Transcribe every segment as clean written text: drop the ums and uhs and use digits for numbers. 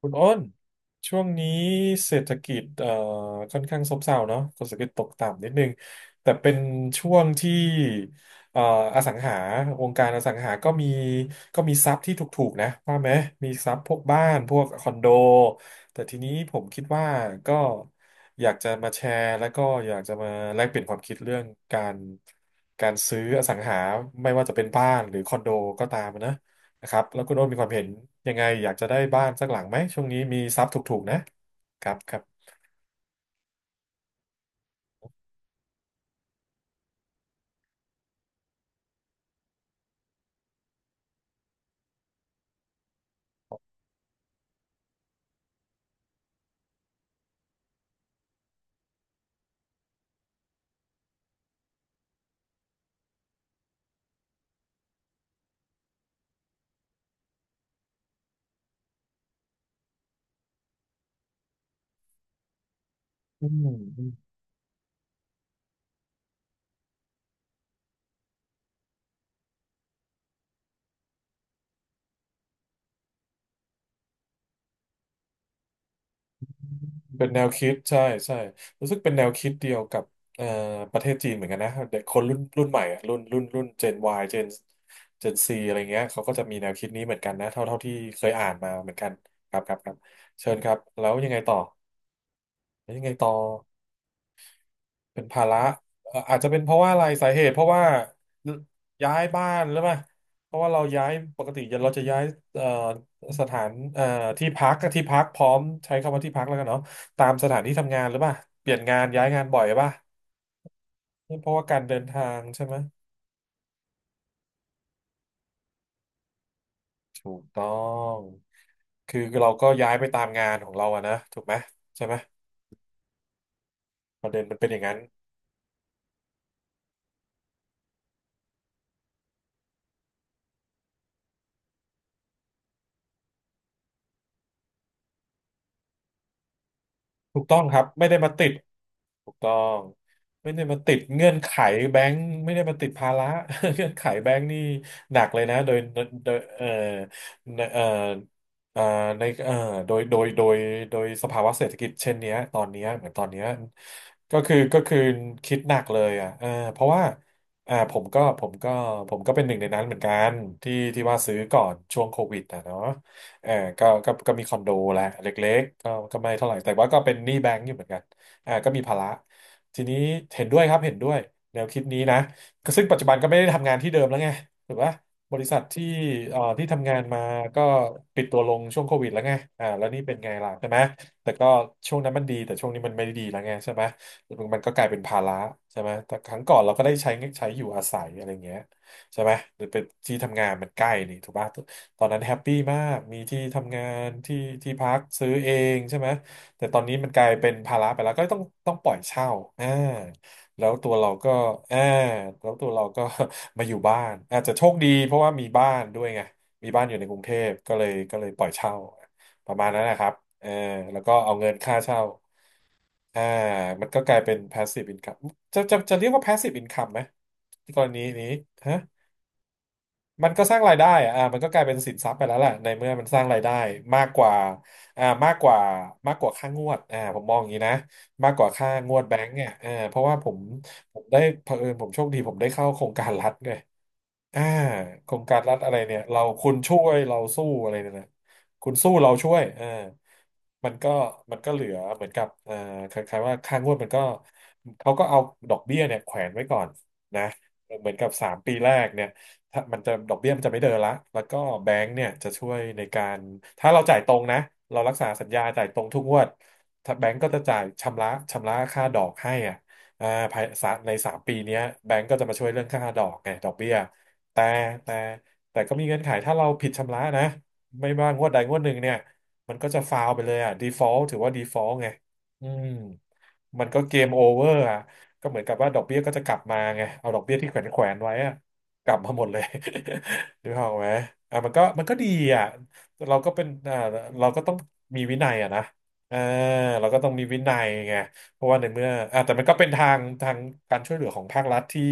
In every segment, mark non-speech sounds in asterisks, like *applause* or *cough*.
คุณอ้นช่วงนี้เศรษฐกิจค่อนข้างซบเซาเนาะเศรษฐกิจตกต่ำนิดนึงแต่เป็นช่วงที่เอ่ออสังหาวงการอสังหาก็มีทรัพย์ที่ถูกๆนะว่าไหมมีทรัพย์พวกบ้านพวกคอนโดแต่ทีนี้ผมคิดว่าก็อยากจะมาแชร์แล้วก็อยากจะมาแลกเปลี่ยนความคิดเรื่องการการซื้ออสังหาไม่ว่าจะเป็นบ้านหรือคอนโดก็ตามนะ นะครับแล้วคุณโอ้นมีความเห็นยังไงอยากจะได้บ้านสักหลังไหมช่วงนี้มีทรัพย์ถูกๆนะครับครับอืมอืมเป็นแนวคิดใช่ใช่รู้สึกเป็นแนวคิดเดียวกับเอ่อประเทศจีนเหมือนกันนะเด็กคนรุ่นรุ่นใหม่อะรุ่นรุ่นรุ่นเจน Y เจนเจนซีอะไรเงี้ยเขาก็จะมีแนวคิดนี้เหมือนกันนะเท่าเท่าที่เคยอ่านมาเหมือนกันครับครับครับเชิญครับแล้วยังไงต่อแล้วยังไงต่อ เป็นภาระอาจจะเป็นเพราะว่าอะไรสาเหตุเพราะว่าย้ายบ้านหรือเปล่าเพราะว่าเราย้ายปกติเราจะย้ายเอ่อสถานเอ่อที่พักพร้อมใช้คำว่าที่พักแล้วกันเนาะตามสถานที่ทำงานหรือเปล่าเปลี่ยนงานย้ายงานบ่อยป่ะเพราะว่าการเดินทางใช่ไหมถูกต้องคือเราก็ย้ายไปตามงานของเราอะนะถูกไหมใช่ไหมประเด็นมันเป็นอย่างนั้นถูกต้องครับไม่ได้มาติด ถูกต้องไม่ได้มาติดเงื่อนไขแบงค์ไม่ได้มาติดภาระ *laughs* เงื่อนไขแบงค์นี่หนักเลยนะโดยโดยเอ่อในเอ่อในโดยโดยโดยโดยสภาวะเศรษฐกิจเช่นเนี้ยตอนเนี้ยเหมือนตอนเนี้ยก็คือคิดหนักเลยอ่ะเออเพราะว่าอ่าผมก็เป็นหนึ่งในนั้นเหมือนกันที่ว่าซื้อก่อนช่วงโควิดอ่ะเนาะเออก็มีคอนโดแหละเล็กๆก็ไม่เท่าไหร่แต่ว่าก็เป็นหนี้แบงก์อยู่เหมือนกัน อ่าก็มีภาระทีนี้เห็นด้วยครับเห็นด้วยแนวคิดนี้นะก็ซึ่งปัจจุบันก็ไม่ได้ทำงานที่เดิมแล้วไงถูกปะบริษัทที่ที่ทำงานมาก็ปิดตัวลงช่วงโควิดแล้วไงอ่าแล้วนี่เป็นไงล่ะใช่ไหมแต่ก็ช่วงนั้นมันดีแต่ช่วงนี้มันไม่ได้ดีแล้วไงใช่ไหมมันก็กลายเป็นภาระใช่ไหมแต่ครั้งก่อนเราก็ได้ใช้อยู่อาศัยอะไรเงี้ยใช่ไหมหรือเป็นที่ทำงานมันใกล้นี่ถูกป่ะ ตอนนั้นแฮปปี้มากมีที่ทำงานที่ที่พักซื้อเองใช่ไหมแต่ตอนนี้มันกลายเป็นภาระไปแล้วก็ต้องปล่อยเช่าอ่าแล้วตัวเราก็อ่าแล้วตัวเราก็ *laughs* มาอยู่บ้านอาจจะโชคดีเพราะว่ามีบ้านด้วยไงมีบ้านอยู่ในกรุงเทพก็เลยปล่อยเช่าประมาณนั้นนะครับเออแล้วก็เอาเงินค่าเช่าอ่ามันก็กลายเป็น passive income จะเรียกว่า passive income ไหมในกรณีนี้ฮะ มันก็สร้างรายได้อะอ่ามันก็กลายเป็นสินทรัพย์ไปแล้วแหละในเมื่อมันสร้างรายได้มากกว่าอ่ามากกว่าค่างวดอ่าผมมองอย่างนี้นะมากกว่าค่างวดแบงก์เนี่ยอ่าเพราะว่าผมผมได้เผอิญผมโชคดีผมได้เข้าโครงการรัฐไงอ่าโครงการรัฐอะไรเนี่ยเราคุณช่วยเราสู้อะไรเนี่ยนะคุณสู้เราช่วยอ่ามันก็มันก็เหลือเหมือนกับอ่าคล้ายๆว่าค่างวดมันก็เขาก็เอาดอกเบี้ยเนี่ยแขวนไว้ก่อนนะเหมือนกับ3 ปีแรกเนี่ย ถ้ามันจะดอกเบี้ยมันจะไม่เดินละแล้วก็แบงก์เนี่ยจะช่วยในการ ถ้าเราจ่ายตรงนะ เรารักษาสัญญาจ่ายตรงทุกงวดถ้าแบงก์ก็จะจ่ายชำระค่าดอกให้อ่ะอ่าภายสะในสามปีเนี้ยแบงก์ก็จะมาช่วยเรื่องค่าดอกไงดอกเบี้ยแต่แต่แต่ก็มีเงื่อนไขถ้าเราผิดชำระนะไม่ว่างวดใดงวดหนึ่งเนี่ยมันก็จะฟาวไปเลยอ่ะ default ถือว่า default ไงอืมมันก็เกมโอเวอร์อ่ะก็เหมือนกับว่าดอกเบี้ยก็จะกลับมาไงเอาดอกเบี้ยที่แขวนไว้อ่ะ กลับมาหมดเลย *laughs* นึกออกไหมอ่ะมันก็ดีอ่ะเราก็เป็นเราก็ต้องมีวินัยอ่ะนะเออเราก็ต้องมีวินัยไงเพราะว่าในเมื่ออ่ะแต่มันก็เป็นทางการช่วยเหลือของภาครัฐ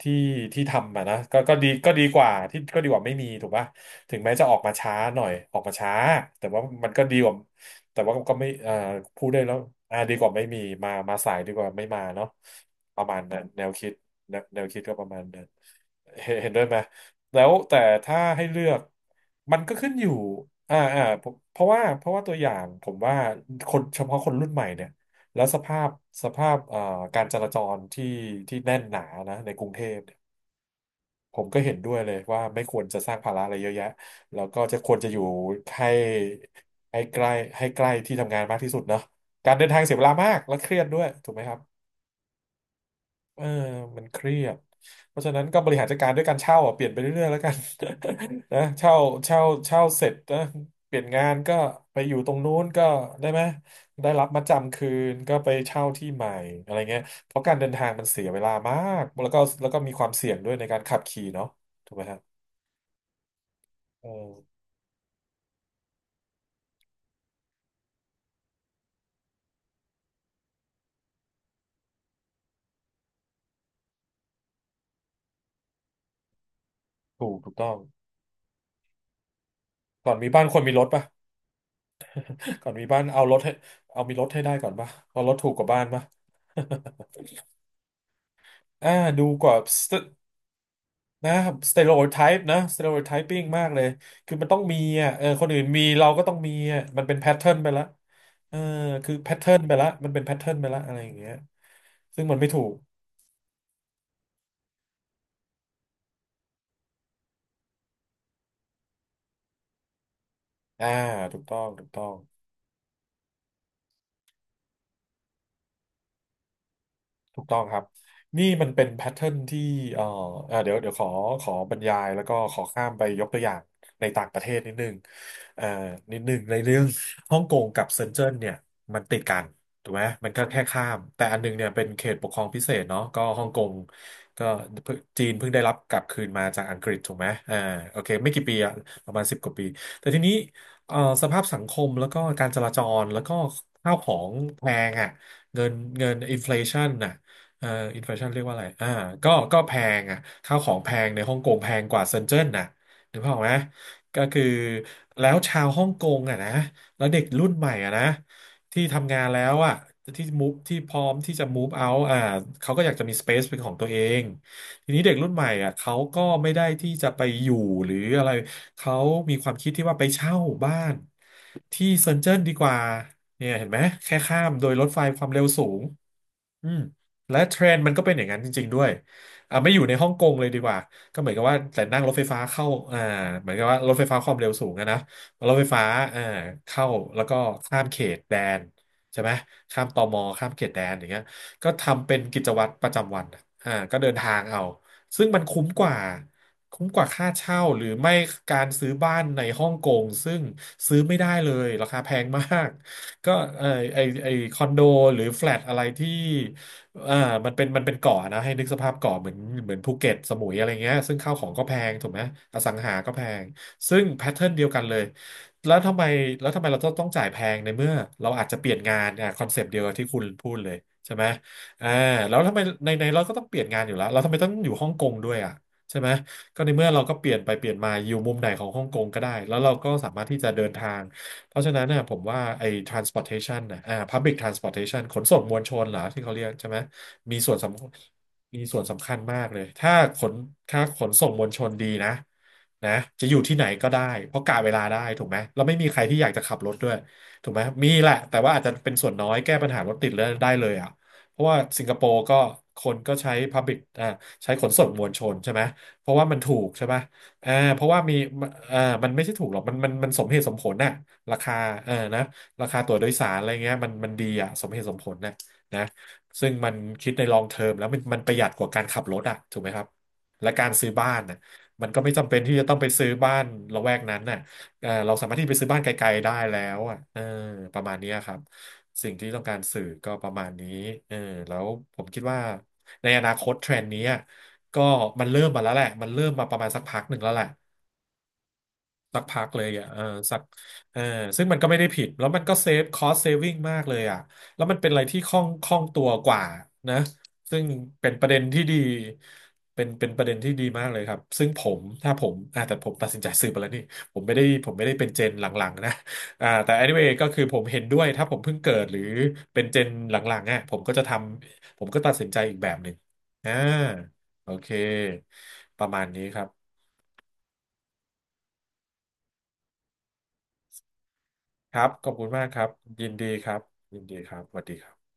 ที่ที่ทำอ่ะนะก็ดีกว่าที่ก็ดีกว่าไม่มีถูกป่ะถึงแม้จะออกมาช้าหน่อยออกมาช้าแต่ว่ามันก็ดีกว่าแต่ว่าก็ไม่อ่าพูดได้แล้วอ่าดีกว่าไม่มีมาสายดีกว่าไม่มาเนาะประมาณนั้นแนวคิดแนวคิดก็ประมาณนั้น เห็นด้วยไหมแล้วแต่ถ้าให้เลือก มันก็ขึ้นอยู่ผมเพราะว่าตัวอย่างผมว่าคนเฉพาะคนรุ่นใหม่เนี่ย แล้วสภาพสภาพการจราจรที่แน่นหนานะในกรุงเทพเนี่ยผมก็เห็นด้วยเลยว่าไม่ควรจะสร้างภาระอะไรเยอะแยะแล้วก็จะควรจะอยู่ให้ให้ใกล้ให้ใกล้ที่ทำงานมากที่สุดเนาะการเดินทางเสียเวลามากและเครียดด้วยถูกไหมครับ เออมันเครียดเพราะฉะนั้นก็บริหารจัดการด้วยการเช่าอ่ะเปลี่ยนไปเรื่อยๆแล้วกัน *laughs* นะเช่าเช่าเสร็จนะเปลี่ยนงานก็ไปอยู่ตรงนู้นก็ได้ไหมได้รับมัดจำคืนก็ไปเช่าที่ใหม่อะไรเงี้ยเพราะการเดินทางมันเสียเวลามากแล้วก็มีความเสี่ยงด้วยในการขับขี่เนาะถูกไหมฮะเออถูกต้องก่อนมีบ้านควรมีรถป่ะก่อนมีบ้านเอารถให้เอามีรถให้ได้ก่อนป่ะเพอรถถูกกว่าบ้านป่ะ *laughs* อ่าดูกว่า นะสเตโ o ไทป์นะสเตโ o ไทปิ้งมากเลยคือมันต้องมีอ่ะเออคนอื่นมีเราก็ต้องมีอ่ะมันเป็นแพทเทิร์นไปละเออคือแพทเทิร์นไปละมันเป็นแพทเทิร์นไปละอะไรอย่างเงี้ยซึ่งมันไม่ถูกอ่าถูกต้องถูกต้อง ถูกต้องครับนี่มันเป็นแพทเทิร์นที่เอ่อเดี๋ยวขอบรรยายแล้วก็ขอข้ามไปยกตัวอย่างในต่างประเทศนิดนึงเอ่อนิดนึงในเรื่องฮ่องกงกับเซินเจิ้นเนี่ยมันติดกันถูกไหมมันก็แค่ข้ามแต่อันนึงเนี่ยเป็นเขตปกครองพิเศษเนาะก็ฮ่องกงก็เพิ่งจีนเพิ่งได้รับกลับคืนมาจากอังกฤษถูกไหมอ่าโอเคไม่กี่ปีอะประมาณสิบกว่าปีแต่ทีนี้เอ่อสภาพสังคมแล้วก็การจราจรแล้วก็ข้าวของแพงอ่ะเงินเงินอินฟลชันน่ะ เอ่ออินฟลชันเรียกว่าอะไรอ่าก็แพงอ่ะข้าวของแพงในฮ่องกงแพงกว่าเซินเจิ้นนะนึกภาพออกไหมก็คือแล้วชาวฮ่องกงอ่ะนะแล้วเด็กรุ่นใหม่อ่ะนะที่ทำงานแล้วอ่ะที่มูฟที่พร้อมที่จะ move out อ่าเขาก็อยากจะมี space เป็นของตัวเองทีนี้เด็กรุ่นใหม่อ่ะเขาก็ไม่ได้ที่จะไปอยู่หรืออะไรเขามีความคิดที่ว่าไปเช่าบ้านที่เซินเจิ้นดีกว่าเนี่ยเห็นไหมแค่ข้ามโดยรถไฟความเร็วสูงอืม และเทรนด์มันก็เป็นอย่างนั้นจริงๆด้วยอ่าไม่อยู่ในฮ่องกงเลยดีกว่า ก็เหมือนกับว่าแต่นั่งรถไฟฟ้าเข้าอ่าเหมือนกับว่ารถไฟฟ้าความเร็วสูงอะนะรถไฟฟ้าอ่าเข้าแล้วก็ข้ามเขตแดนใช่ไหมข้ามตมข้ามเขตแดนอย่างเงี้ยก็ทำเป็นกิจวัตรประจำวันอะอ่าก็เดินทางเอาซึ่งมันคุ้มกว่า คุ้มกว่าค่าเช่าหรือไม่การซื้อบ้านในฮ่องกงซึ่งซื้อไม่ได้เลยราคาแพงมากก็เออไอไอคอนโดหรือแฟลตอะไรที่ อ่ามันเป็นเกาะนะให้นึกสภาพเกาะเหมือนเหมือนภูเก็ตสมุยอะไรเงี้ยซึ่งข้าวของก็แพงถูกไหมอสังหาก็แพงซึ่งแพทเทิร์นเดียวกันเลยแล้วทำไมแล้วทำไมเราต้องจ่ายแพงในเมื่อเราอาจจะเปลี่ยนงานอ่ะคอนเซปต์เดียวกับที่คุณพูดเลยใช่ไหมอ่าแล้วทำไมในเราก็ต้องเปลี่ยนงานอยู่แล้วเราทำไมต้องอยู่ฮ่องกงด้วยอ่ะใช่ไหมก็ในเมื่อเราก็เปลี่ยนไปเปลี่ยนมาอยู่มุมไหนของฮ่องกงก็ได้แล้วเราก็สามารถที่จะเดินทาง เพราะฉะนั้นเนี่ยผมว่าไอ้ transportation นะอ่า public transportation ขนส่งมวลชนเหรอที่เขาเรียกใช่ไหมมีส่วนสมีส่วนสำคัญมากเลย ถ้าขนส่งมวลชนดีนะนะจะอยู่ที่ไหนก็ได้เพราะกะเวลาได้ถูกไหมแล้วไม่มีใครที่อยากจะขับรถด้วยถูกไหมมีแหละแต่ว่าอาจจะเป็นส่วนน้อยแก้ปัญหารถติดเลยได้เลยอ่ะเพราะว่าสิงคโปร์ก็คนก็ใช้ public ใช้ขนส่งมวลชนใช่ไหมเพราะว่ามันถูกใช่ไหม เพราะว่ามีอ่ามันไม่ใช่ถูกหรอกมันสมเหตุสมผลน่ะราคานะราคาตั๋วโดยสารอะไรเงี้ยมันดีอ่ะสมเหตุสมผลน่ะนะซึ่งมันคิดในลองเทอมแล้วมันประหยัดกว่าการขับรถอ่ะถูกไหมครับและการซื้อบ้านน่ะมันก็ไม่จำเป็นที่จะต้องไปซื้อบ้านละแวกนั้นน่ะเออเราสามารถที่ไปซื้อบ้านไกลๆได้แล้วอ่ะเออประมาณเนี้ยครับสิ่งที่ต้องการสื่อก็ประมาณนี้เออแล้วผมคิดว่าในอนาคตเทรนด์นี้ ก็มันเริ่มมาแล้วแหละ มันเริ่มมาประมาณสักพักหนึ่งแล้วแหละ สักพักเลยอ่ะเออสักเออซึ่งมันก็ไม่ได้ผิดแล้วมันก็เซฟคอสเซฟวิ่งมากเลยอ่ะแล้วมันเป็นอะไรที่คล่องตัวกว่านะซึ่งเป็นประเด็นที่ดีเป็นประเด็นที่ดีมากเลยครับซึ่งผมถ้าผมอ่าแต่ผมตัดสินใจซื้อไปแล้วนี่ผมไม่ได้เป็นเจนหลังๆนะแต่ anyway ก็คือผมเห็นด้วยถ้าผมเพิ่งเกิดหรือเป็นเจนหลังๆอ่ะผมก็จะทำผมก็ตัดสินใจอีกแบบหนึ่งอ่าโอเคประมาณนี้ครับ ครับ ขอบคุณมากครับ ยินดีครับ ยินดีครับสวัสดีครับ